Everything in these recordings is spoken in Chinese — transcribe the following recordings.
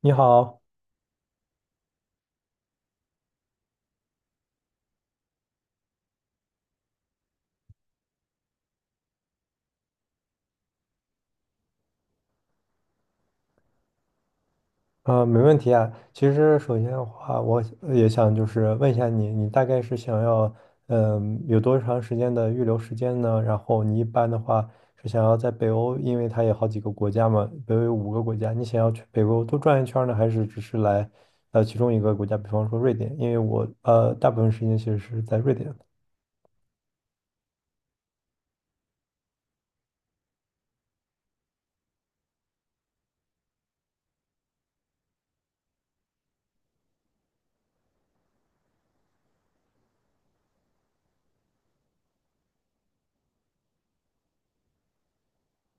你好，没问题啊。其实首先的话，我也想就是问一下你，你大概是想要，有多长时间的预留时间呢？然后你一般的话是想要在北欧，因为它有好几个国家嘛，北欧有五个国家，你想要去北欧多转一圈儿呢，还是只是来，其中一个国家，比方说瑞典？因为我大部分时间其实是在瑞典。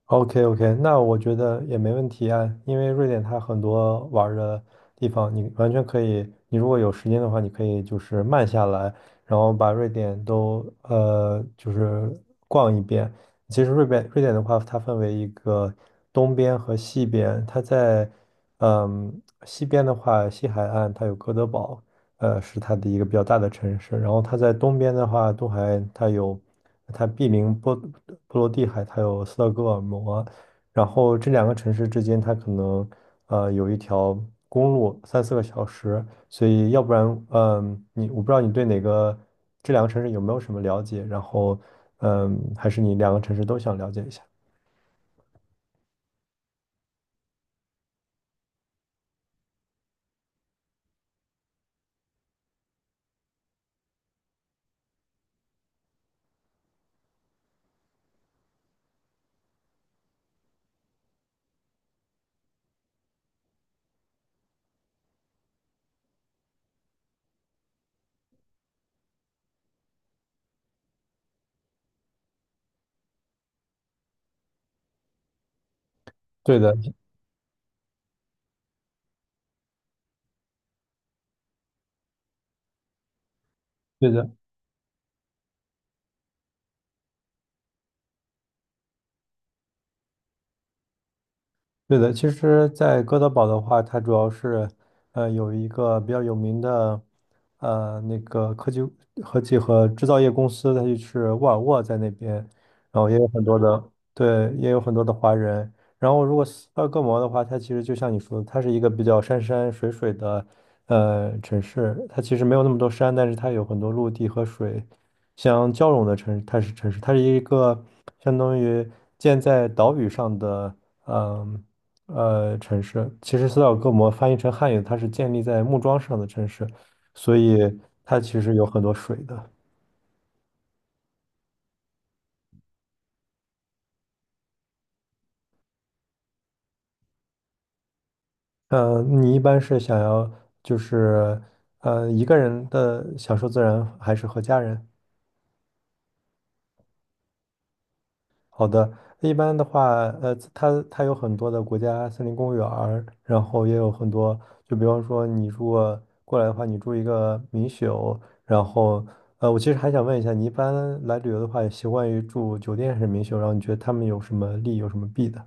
OK OK，那我觉得也没问题啊，因为瑞典它很多玩儿的地方，你完全可以，你如果有时间的话，你可以就是慢下来，然后把瑞典都就是逛一遍。其实瑞典的话，它分为一个东边和西边，它在嗯西边的话，西海岸它有哥德堡，是它的一个比较大的城市。然后它在东边的话，东海它毗邻波罗的海，它有斯德哥尔摩。然后这两个城市之间，它可能有一条公路，3、4个小时。所以要不然，我不知道你对这两个城市有没有什么了解？然后，还是你两个城市都想了解一下？对的，对的。对的。其实，在哥德堡的话，它主要是，有一个比较有名的，那个科技和制造业公司，它就是沃尔沃在那边，然后也有很多的，对，也有很多的华人。然后，如果斯德哥尔摩的话，它其实就像你说的，它是一个比较山山水水的城市。它其实没有那么多山，但是它有很多陆地和水相交融的城市，它是城市，它是一个相当于建在岛屿上的。嗯，城市。其实斯德哥尔摩翻译成汉语，它是建立在木桩上的城市，所以它其实有很多水的。嗯，你一般是想要就是一个人的享受自然，还是和家人？好的，一般的话，它有很多的国家森林公园儿然后也有很多，就比方说你如果过来的话，你住一个民宿，然后，我其实还想问一下，你一般来旅游的话，习惯于住酒店还是民宿？然后你觉得他们有什么利，有什么弊的？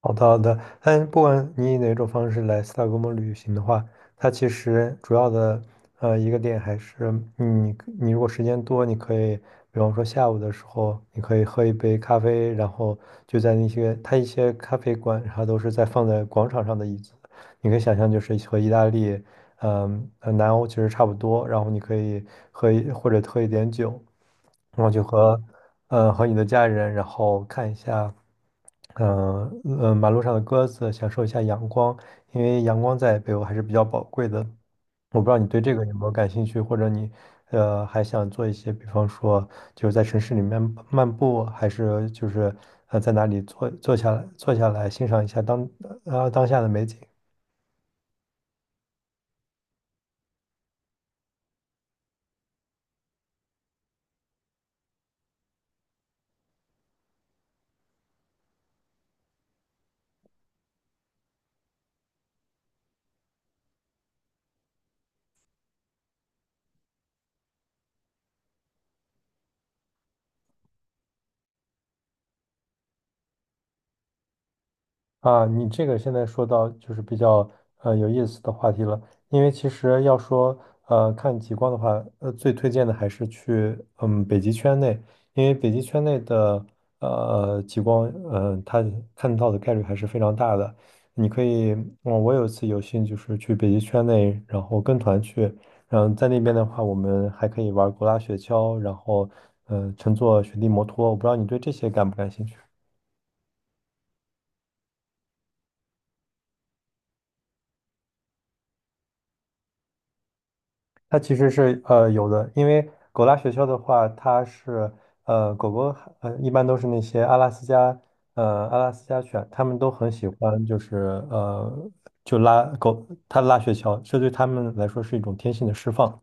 好的，好的。但不管你以哪种方式来斯德哥尔摩旅行的话，它其实主要的一个点还是你如果时间多，你可以比方说下午的时候，你可以喝一杯咖啡，然后就在那些它一些咖啡馆，它都是在放在广场上的椅子，你可以想象就是和意大利南欧其实差不多，然后你可以或者喝一点酒，然后就和你的家人，然后看一下，马路上的鸽子，享受一下阳光，因为阳光在北欧还是比较宝贵的。我不知道你对这个有没有感兴趣，或者你还想做一些，比方说就是在城市里面漫步，还是就是在哪里坐下来欣赏一下当下的美景。啊，你这个现在说到就是比较有意思的话题了，因为其实要说看极光的话，最推荐的还是去北极圈内，因为北极圈内的极光，它看到的概率还是非常大的。你可以，我有一次有幸就是去北极圈内，然后跟团去，然后在那边的话，我们还可以玩狗拉雪橇，然后乘坐雪地摩托，我不知道你对这些感不感兴趣？它其实是有的，因为狗拉雪橇的话，它是狗狗一般都是那些阿拉斯加犬，它们都很喜欢就是呃就拉狗它拉雪橇，这对它们来说是一种天性的释放。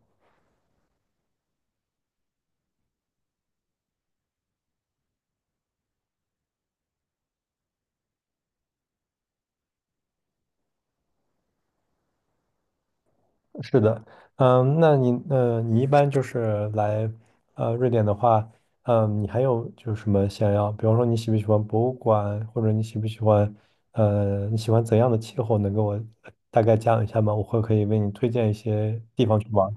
是的，你一般就是来瑞典的话，你还有就是什么想要，比方说你喜不喜欢博物馆，或者你喜不喜欢呃，你喜欢怎样的气候，能给我大概讲一下吗？我可以为你推荐一些地方去玩。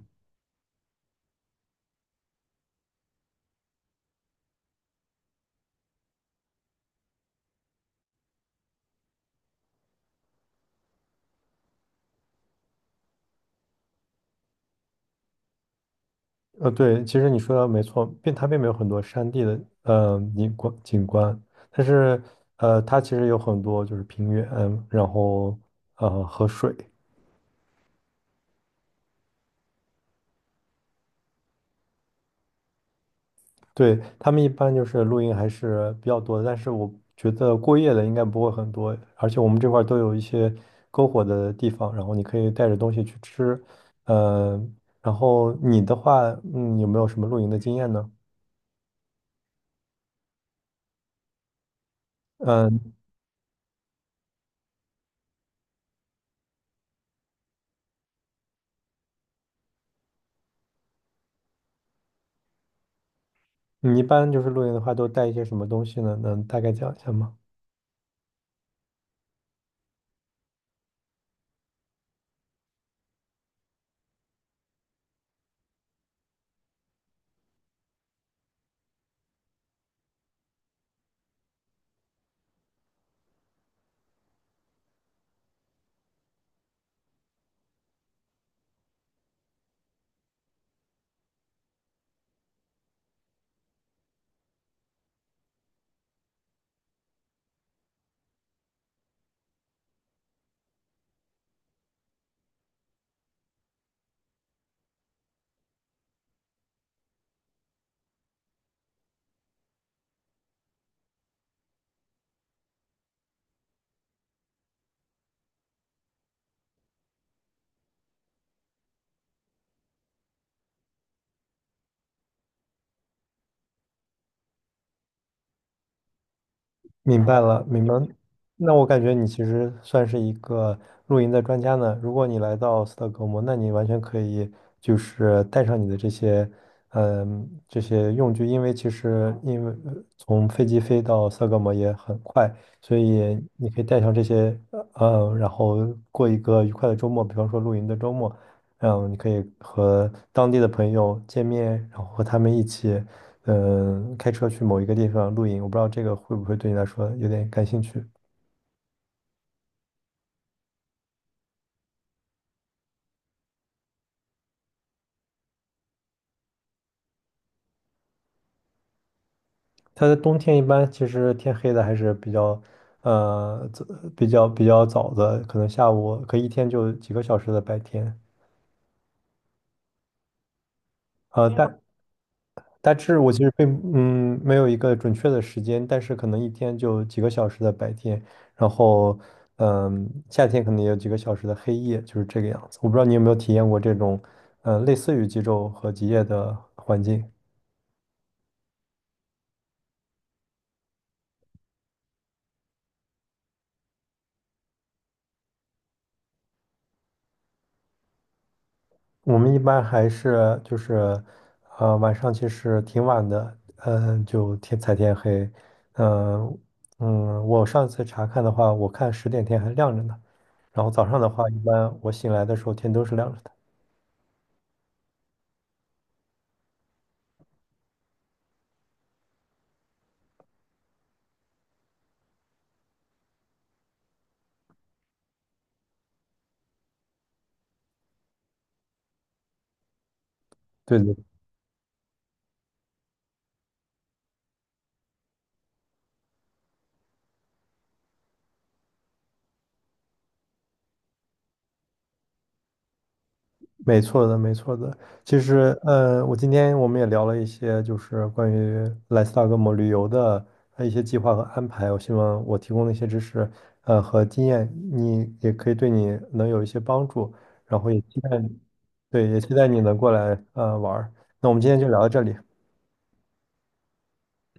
对，其实你说的没错，它并没有很多山地的景观，但是它其实有很多就是平原，然后和水。对，他们一般就是露营还是比较多的，但是我觉得过夜的应该不会很多，而且我们这块儿都有一些篝火的地方，然后你可以带着东西去吃。呃，然后你的话，有没有什么露营的经验呢？嗯、你一般就是露营的话，都带一些什么东西呢？能大概讲一下吗？明白了，明白。那我感觉你其实算是一个露营的专家呢。如果你来到斯德哥尔摩，那你完全可以就是带上你的这些，这些用具，因为其实从飞机飞到斯德哥尔摩也很快，所以你可以带上这些，然后过一个愉快的周末，比方说露营的周末，你可以和当地的朋友见面，然后和他们一起。开车去某一个地方露营，我不知道这个会不会对你来说有点感兴趣。它的冬天一般其实天黑的还是呃，早比较早的，可能下午可以一天就几个小时的白天。呃，大大致我其实没有一个准确的时间，但是可能一天就几个小时的白天，然后夏天可能也有几个小时的黑夜，就是这个样子。我不知道你有没有体验过这种类似于极昼和极夜的环境。我们一般还是就是晚上其实挺晚的，就天才天黑，嗯、我上次查看的话，我看10点天还亮着呢，然后早上的话，一般我醒来的时候天都是亮着的。对对，没错的，没错的。其实我今天我们也聊了一些，就是关于来斯大格摩旅游的一些计划和安排。我希望我提供的一些知识和经验，你也可以对你能有一些帮助。然后也期待你，对，也期待你能过来玩儿。那我们今天就聊到这里。